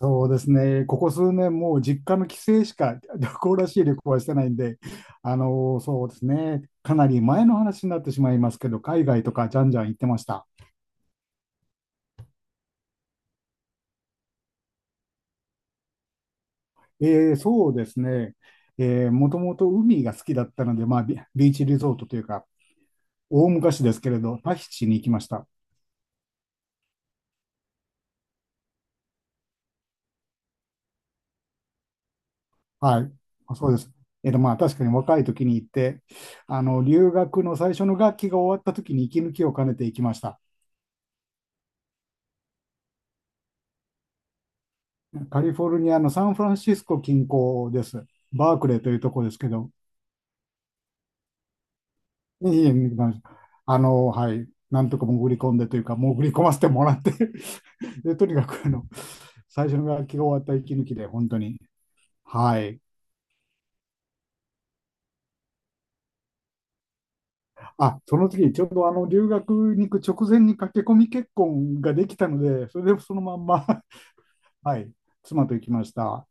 そうですね、ここ数年、もう実家の帰省しか旅行らしい旅行はしてないんで、そうですね、かなり前の話になってしまいますけど、海外とかじゃんじゃん行ってました。そうですね、もともと海が好きだったので、まあ、ビーチリゾートというか、大昔ですけれど、タヒチに行きました。はい、まあそうです。まあ、確かに若い時に行って、あの留学の最初の学期が終わった時に息抜きを兼ねて行きました。カリフォルニアのサンフランシスコ近郊です。バークレーというところですけど、いえいえ見てましたはい、なんとか潜り込んでというか、潜り込ませてもらって で、とにかく最初の学期が終わった息抜きで、本当に、はい。あ、その時、ちょうど留学に行く直前に駆け込み結婚ができたので、それでそのまんま はい、妻と行きました。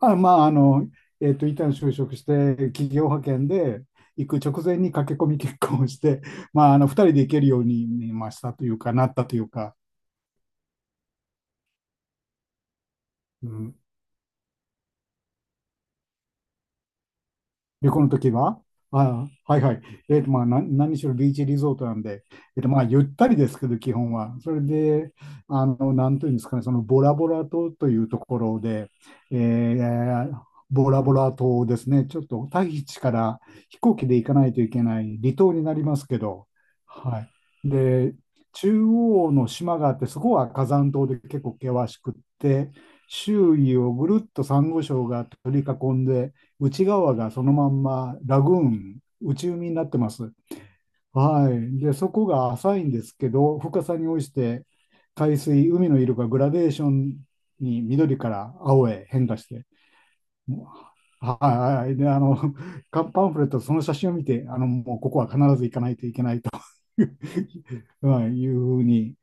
あ、まあ、一旦就職して、企業派遣で行く直前に駆け込み結婚をして、まあ、二人で行けるようになりましたというか、なったというか、うん。旅行の時は、あ、はいはい。まあ、何しろビーチリゾートなんで、まあ、ゆったりですけど、基本は。それで、なんというんですかね、そのボラボラ島というところで、えーボラボラ島ですね、ちょっとタヒチから飛行機で行かないといけない離島になりますけど、はい。で、中央の島があって、そこは火山島で結構険しくって、周囲をぐるっとサンゴ礁が取り囲んで、内側がそのまんまラグーン、内海になってます。はい。で、そこが浅いんですけど、深さに応じて海水、海の色がグラデーションに緑から青へ変化して、もうはい。で、カンパンフレット、その写真を見て、もうここは必ず行かないといけないという はい、いうふうに、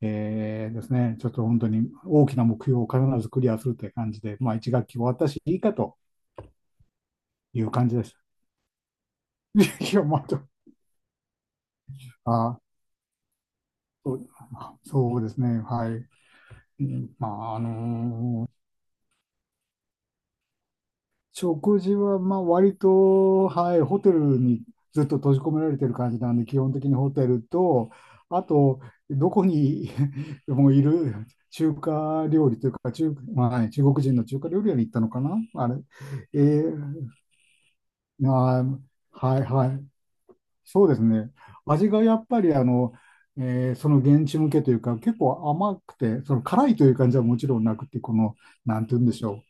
ですね、ちょっと本当に大きな目標を必ずクリアするという感じで、まあ、1学期終わったし、いいかという感じです。いや、また あ、そうそうですね。はい。うん、まあ、食事は、まあ、割と、はい、ホテルにずっと閉じ込められてる感じなんで、基本的にホテルと、あと、どこに もういる中華料理というか、まあ、中国人の中華料理屋に行ったのかなあれ。えー、あー、はい、はい。そうですね。味がやっぱりその現地向けというか、結構甘くて、その辛いという感じはもちろんなくて、なんて言うんでしょう。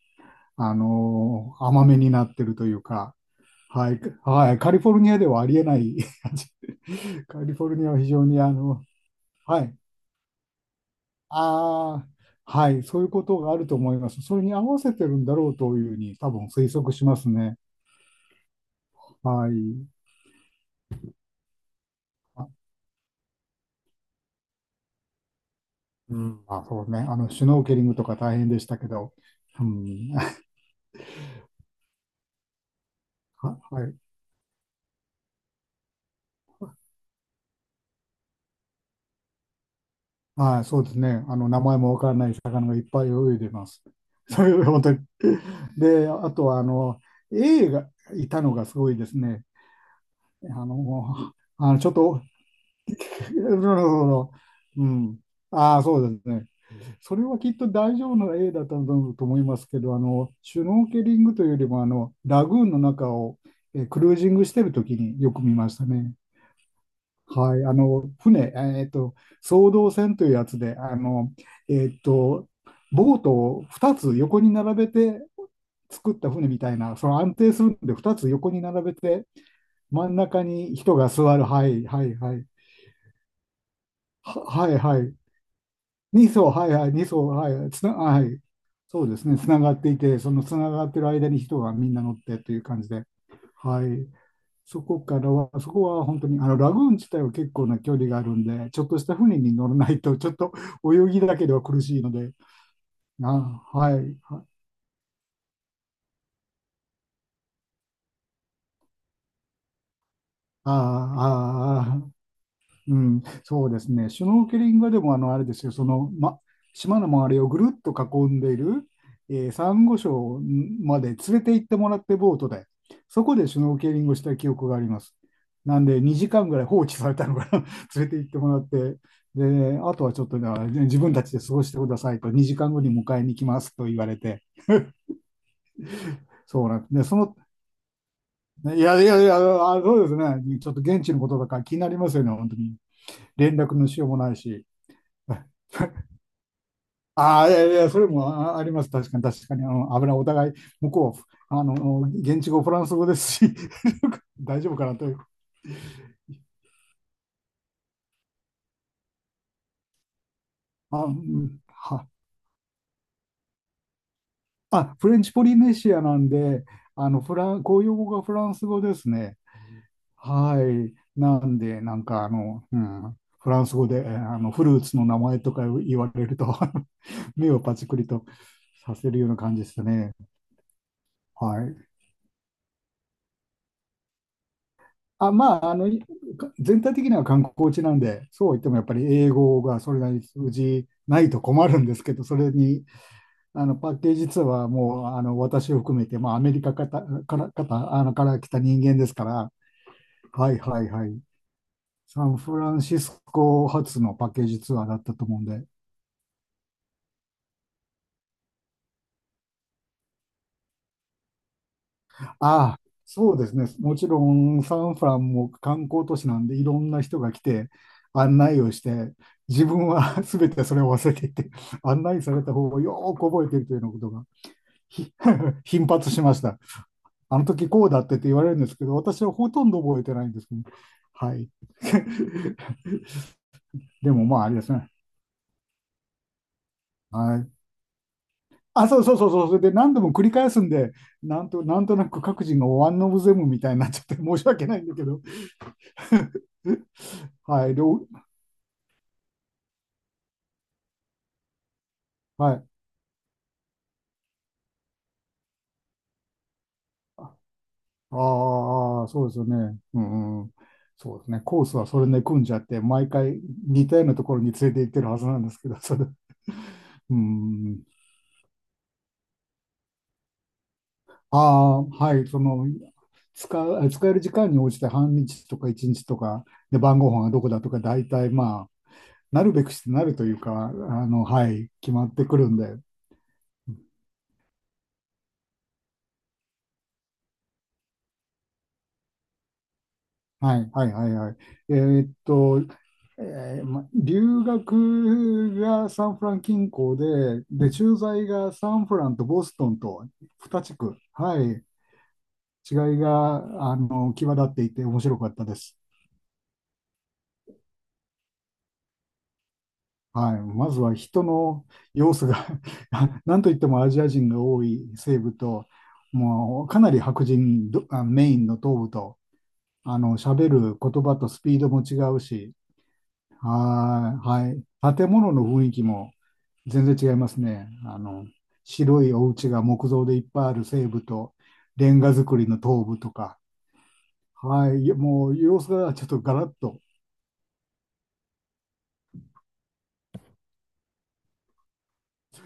甘めになってるというか、はい、はい、カリフォルニアではありえない 味。カリフォルニアは非常にはい、ああ、はい、そういうことがあると思います。それに合わせてるんだろうというふうに多分推測しますね。はい。あ、うん。あ、そうね。シュノーケリングとか大変でしたけど、うん、はい。はい、そうですね。名前もわからない魚がいっぱい泳いでます。それ、本当に。で、あとは、エイがいたのがすごいですね。ちょっと、なるほど。うん。ああ、そうですね。それはきっと大丈夫な A だったと思いますけど、シュノーケリングというよりも、ラグーンの中をクルージングしてる時によく見ましたね。はい、船、えっと、双胴船というやつで、えっと、ボートを2つ横に並べて作った船みたいな、安定するんで2つ横に並べて、真ん中に人が座る、はい、はい、はい、はい、はい、2層、はい、はい、2層、はい、はい、そうですね、つながっていて、そのつながってる間に人がみんな乗ってという感じで、はい。そこからは、そこは本当に、ラグーン自体は結構な距離があるんで、ちょっとした船に乗らないと、ちょっと泳ぎだけでは苦しいので、あ、はい、ああ、ああ、うん、そうですね。シュノーケリングはでも、あれですよ、島の周りをぐるっと囲んでいる、サンゴ礁まで連れて行ってもらってボートで、そこでシュノーケリングをした記憶があります。なんで、2時間ぐらい放置されたのかな、連れて行ってもらって、で、あとはちょっとね、じゃあ自分たちで過ごしてくださいと、2時間後に迎えに来ますと言われて、そうなんで、その、いやいやいや、あ、そうですね、ちょっと現地のことだから気になりますよね、本当に。連絡のしようもないし。ああ、いやいや、それもああります。確かに、確かに。危ない。お互い、向こう、現地語、フランス語ですし、大丈夫かなという。あ、うん、あ、フレンチポリネシアなんで、あの、フラン、公用語がフランス語ですね。はい。なんで、なんか、うん、フランス語で、フルーツの名前とか言われると 目をパチクリとさせるような感じでしたね。はい。あ、まあ、全体的には観光地なんで、そうは言ってもやっぱり英語がそれなりに通じないと困るんですけど、それに、パッケージツアーはもう、私を含めて、まあ、アメリカかたから、かた、から来た人間ですから、はい、はい、はい。サンフランシスコ発のパッケージツアーだったと思うんで、ああ、そうですね。もちろんサンフランも観光都市なんでいろんな人が来て案内をして、自分は 全てそれを忘れていて、案内された方をよーく覚えているというようなことがひ 頻発しました。あの時こうだってって言われるんですけど、私はほとんど覚えてないんですけどね、はい。でも、まああれですね。はい。あ、そうそうそうそう。それで何度も繰り返すんで、なんとなく各人がワンオブゼムみたいになっちゃって申し訳ないんだけど。はい。はい。ああ、そうですよね。うん、うん。そうですね。コースはそれで組んじゃって、毎回似たようなところに連れて行ってるはずなんですけど、それ。うん。ああ、はい。使える時間に応じて半日とか1日とか、で、晩ご飯がどこだとか、大体まあ、なるべくしてなるというか、はい、決まってくるんで、はい、はい、はい、はい。えーっと、留学がサンフラン近郊で、駐在がサンフランとボストンと2地区、はい、違いが、際立っていて面白かったです。はい、まずは人の様子が なんといってもアジア人が多い西部と、もうかなり白人どあメインの東部と、喋る言葉とスピードも違うし、はい、はい。建物の雰囲気も全然違いますね。白いお家が木造でいっぱいある西部と、レンガ造りの東部とか、はい、もう様子がちょっとガラッと、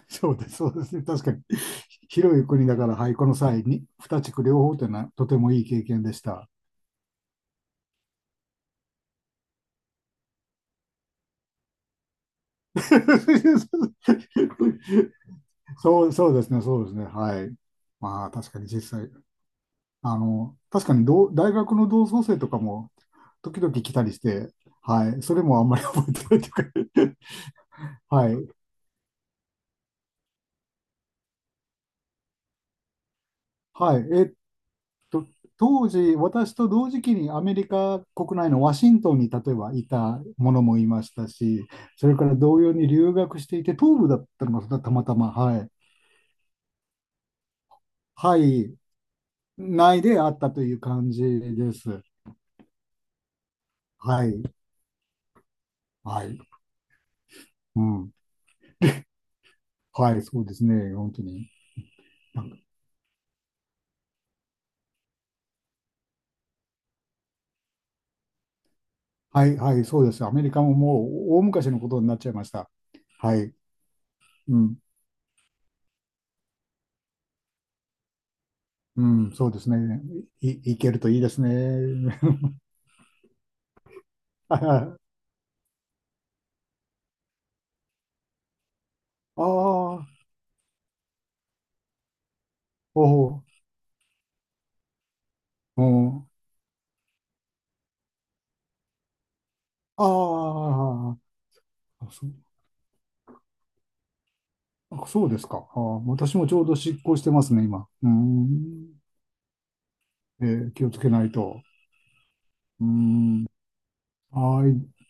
そうです、そうですね、確かに。広い国だから、はい、この際に、二地区両方というのはとてもいい経験でした。そう、そうですね、そうですね、はい。まあ、確かに実際、確かに同大学の同窓生とかも、時々来たりして、はい、それもあんまり覚えてないというか はい、はい。当時、私と同時期にアメリカ国内のワシントンに例えばいたものもいましたし、それから同様に留学していて、東部だったのがたまたま、はい。はい。内であったという感じです。はい。はい。うん。はい。そうですね。本当に。なんか、はい。はい。そうです。アメリカももう大昔のことになっちゃいました。はい。うん。うん。そうですね。いけるといいですね。ああ、おお。うん、ああ、そう、そうですか。あー、私もちょうど執行してますね、今。うーん。えー、気をつけないと。うーん。はい。